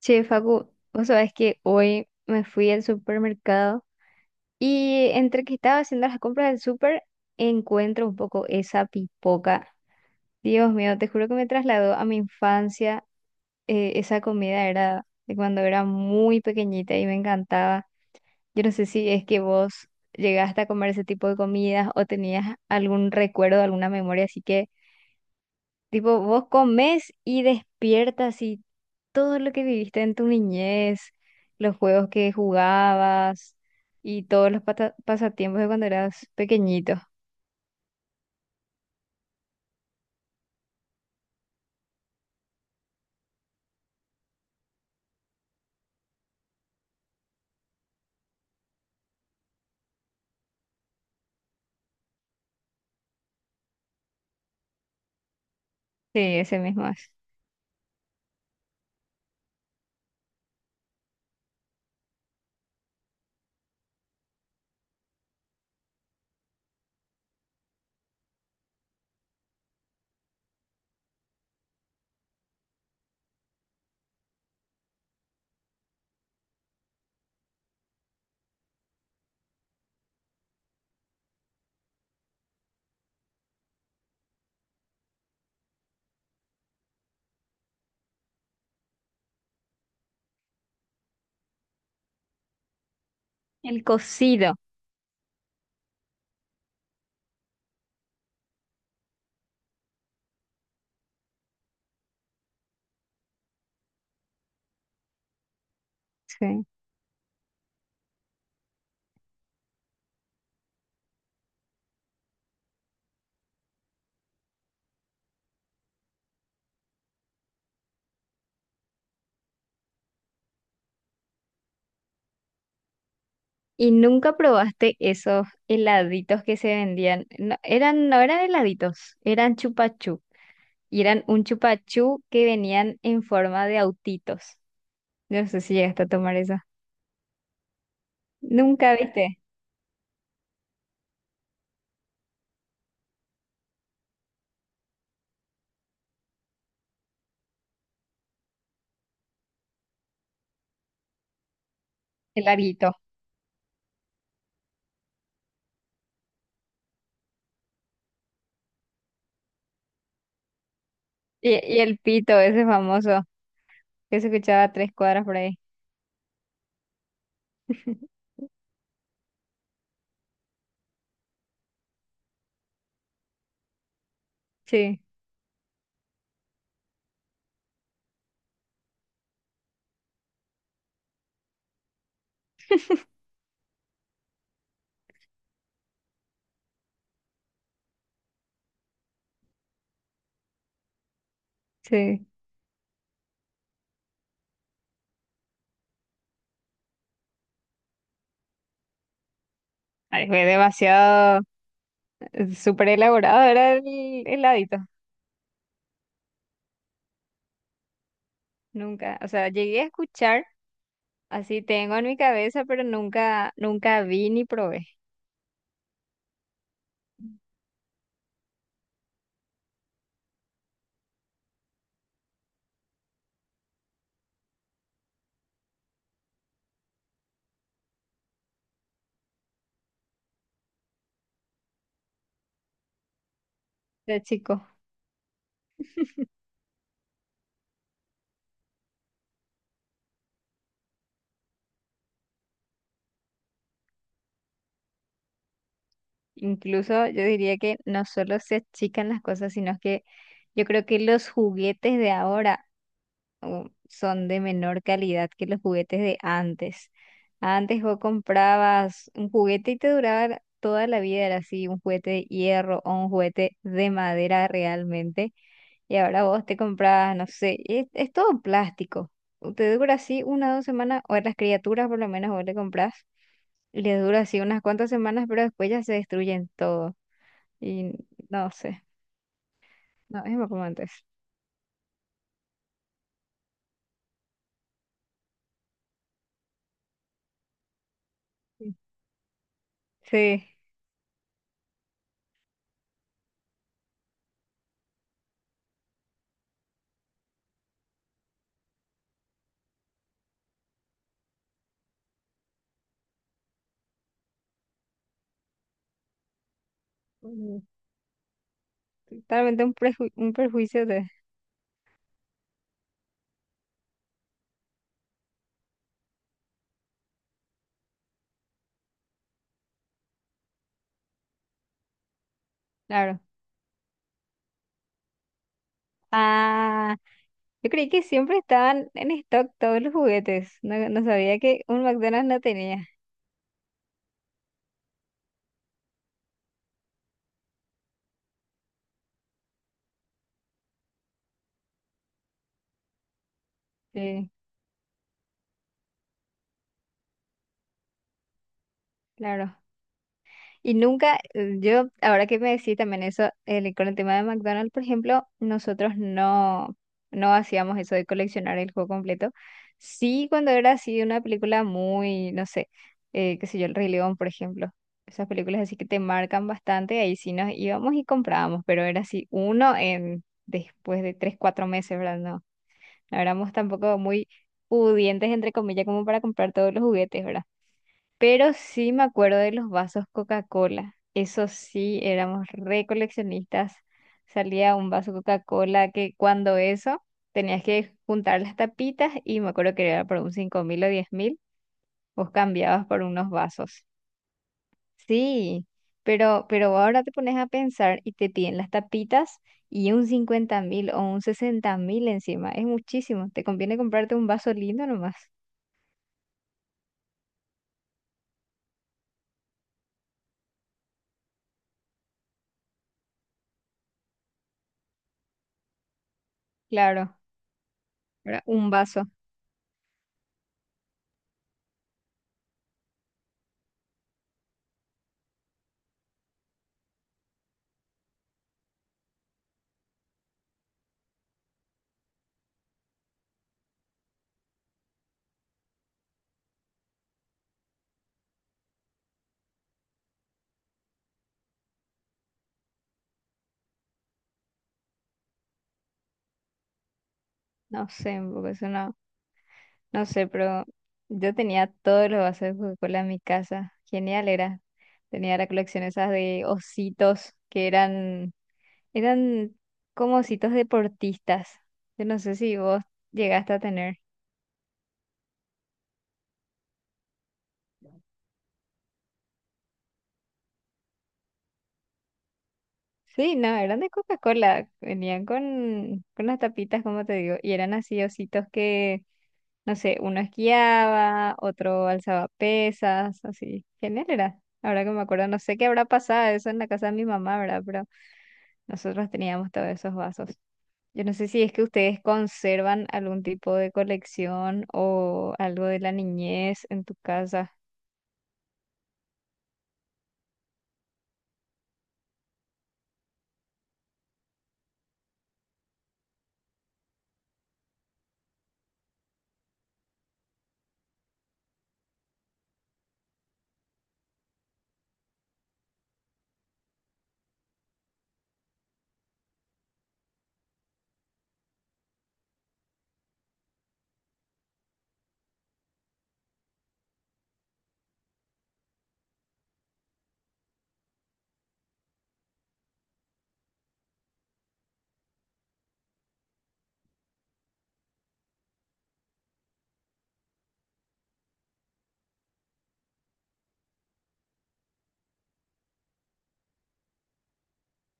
Che, Facu, vos sabés que hoy me fui al supermercado y entre que estaba haciendo las compras del super, encuentro un poco esa pipoca. Dios mío, te juro que me trasladó a mi infancia. Esa comida era de cuando era muy pequeñita y me encantaba. Yo no sé si es que vos llegaste a comer ese tipo de comidas o tenías algún recuerdo, alguna memoria así que tipo, vos comés y despiertas y todo lo que viviste en tu niñez, los juegos que jugabas y todos los pasatiempos de cuando eras pequeñito. Sí, ese mismo es. El cocido. Sí. ¿Y nunca probaste esos heladitos que se vendían? No eran heladitos, eran chupachú. Y eran un chupachú que venían en forma de autitos. No sé si llegaste a tomar eso. Nunca viste el larguito. Y el pito, ese famoso, que se escuchaba a 3 cuadras por ahí. Sí, sí. Ay, fue demasiado, súper elaborado era el heladito. Nunca, o sea, llegué a escuchar, así tengo en mi cabeza, pero nunca vi ni probé de chico. Incluso yo diría que no solo se achican las cosas, sino que yo creo que los juguetes de ahora son de menor calidad que los juguetes de antes. Antes vos comprabas un juguete y te duraba toda la vida, era así, un juguete de hierro o un juguete de madera realmente. Y ahora vos te comprabas, no sé, es todo plástico. Te dura así una o dos semanas, o a las criaturas por lo menos vos le comprás, y les dura así unas cuantas semanas, pero después ya se destruyen todo. Y no sé, no, es como antes. Sí. Sí, mm, totalmente un perjuicio. Claro. Ah, yo creí que siempre estaban en stock todos los juguetes. No, no sabía que un McDonald's no tenía. Sí, claro. Y nunca, yo, ahora que me decís también eso, con el tema de McDonald's, por ejemplo, nosotros no hacíamos eso de coleccionar el juego completo. Sí, cuando era así una película muy, no sé, qué sé yo, El Rey León, por ejemplo. Esas películas así que te marcan bastante, ahí sí nos íbamos y comprábamos, pero era así uno en después de tres, cuatro meses, ¿verdad? No, no éramos tampoco muy pudientes, entre comillas, como para comprar todos los juguetes, ¿verdad? Pero sí me acuerdo de los vasos Coca-Cola. Eso sí, éramos re coleccionistas. Salía un vaso Coca-Cola que cuando eso tenías que juntar las tapitas y me acuerdo que era por un 5.000 o 10.000, vos cambiabas por unos vasos. Sí, pero ahora te pones a pensar y te piden las tapitas y un 50.000 o un 60.000 encima. Es muchísimo. Te conviene comprarte un vaso lindo nomás. Claro, ¿verdad? Un vaso. No sé, porque eso no. No sé, pero yo tenía todos los vasos de Coca-Cola en mi casa. Genial era. Tenía la colección esas de ositos que eran como ositos deportistas. Yo no sé si vos llegaste a tener. Sí, no, eran de Coca-Cola. Venían con las tapitas, como te digo, y eran así ositos que, no sé, uno esquiaba, otro alzaba pesas, así. Genial era. Ahora que me acuerdo, no sé qué habrá pasado eso en la casa de mi mamá, ¿verdad? Nosotros teníamos todos esos vasos. Yo no sé si es que ustedes conservan algún tipo de colección o algo de la niñez en tu casa.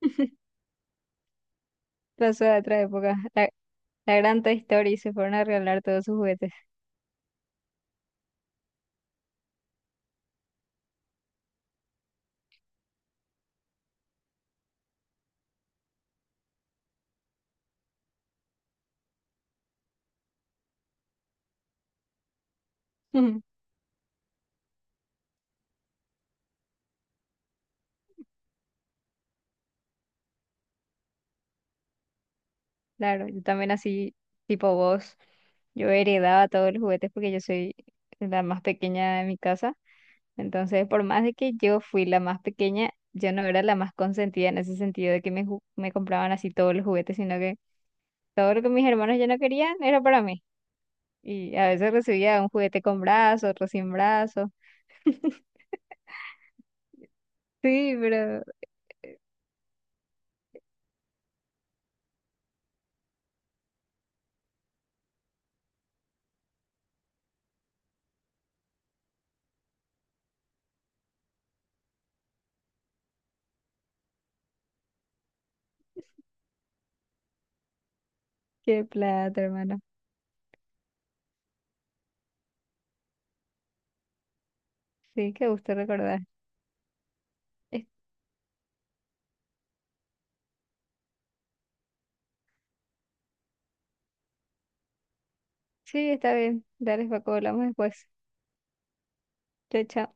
Pasó de otra época. La gran Toy Story se fueron a regalar todos sus juguetes. Claro, yo también así, tipo vos. Yo heredaba todos los juguetes porque yo soy la más pequeña de mi casa. Entonces, por más de que yo fui la más pequeña, yo no era la más consentida en ese sentido de que me compraban así todos los juguetes, sino que. Todo lo que mis hermanos ya no querían era para mí. Y a veces recibía un juguete con brazo, otro sin brazo. Sí, pero qué plata, hermano. Sí, qué gusto recordar. Es- Sí, está bien. Dale, Paco, hablamos después. Chao, chao.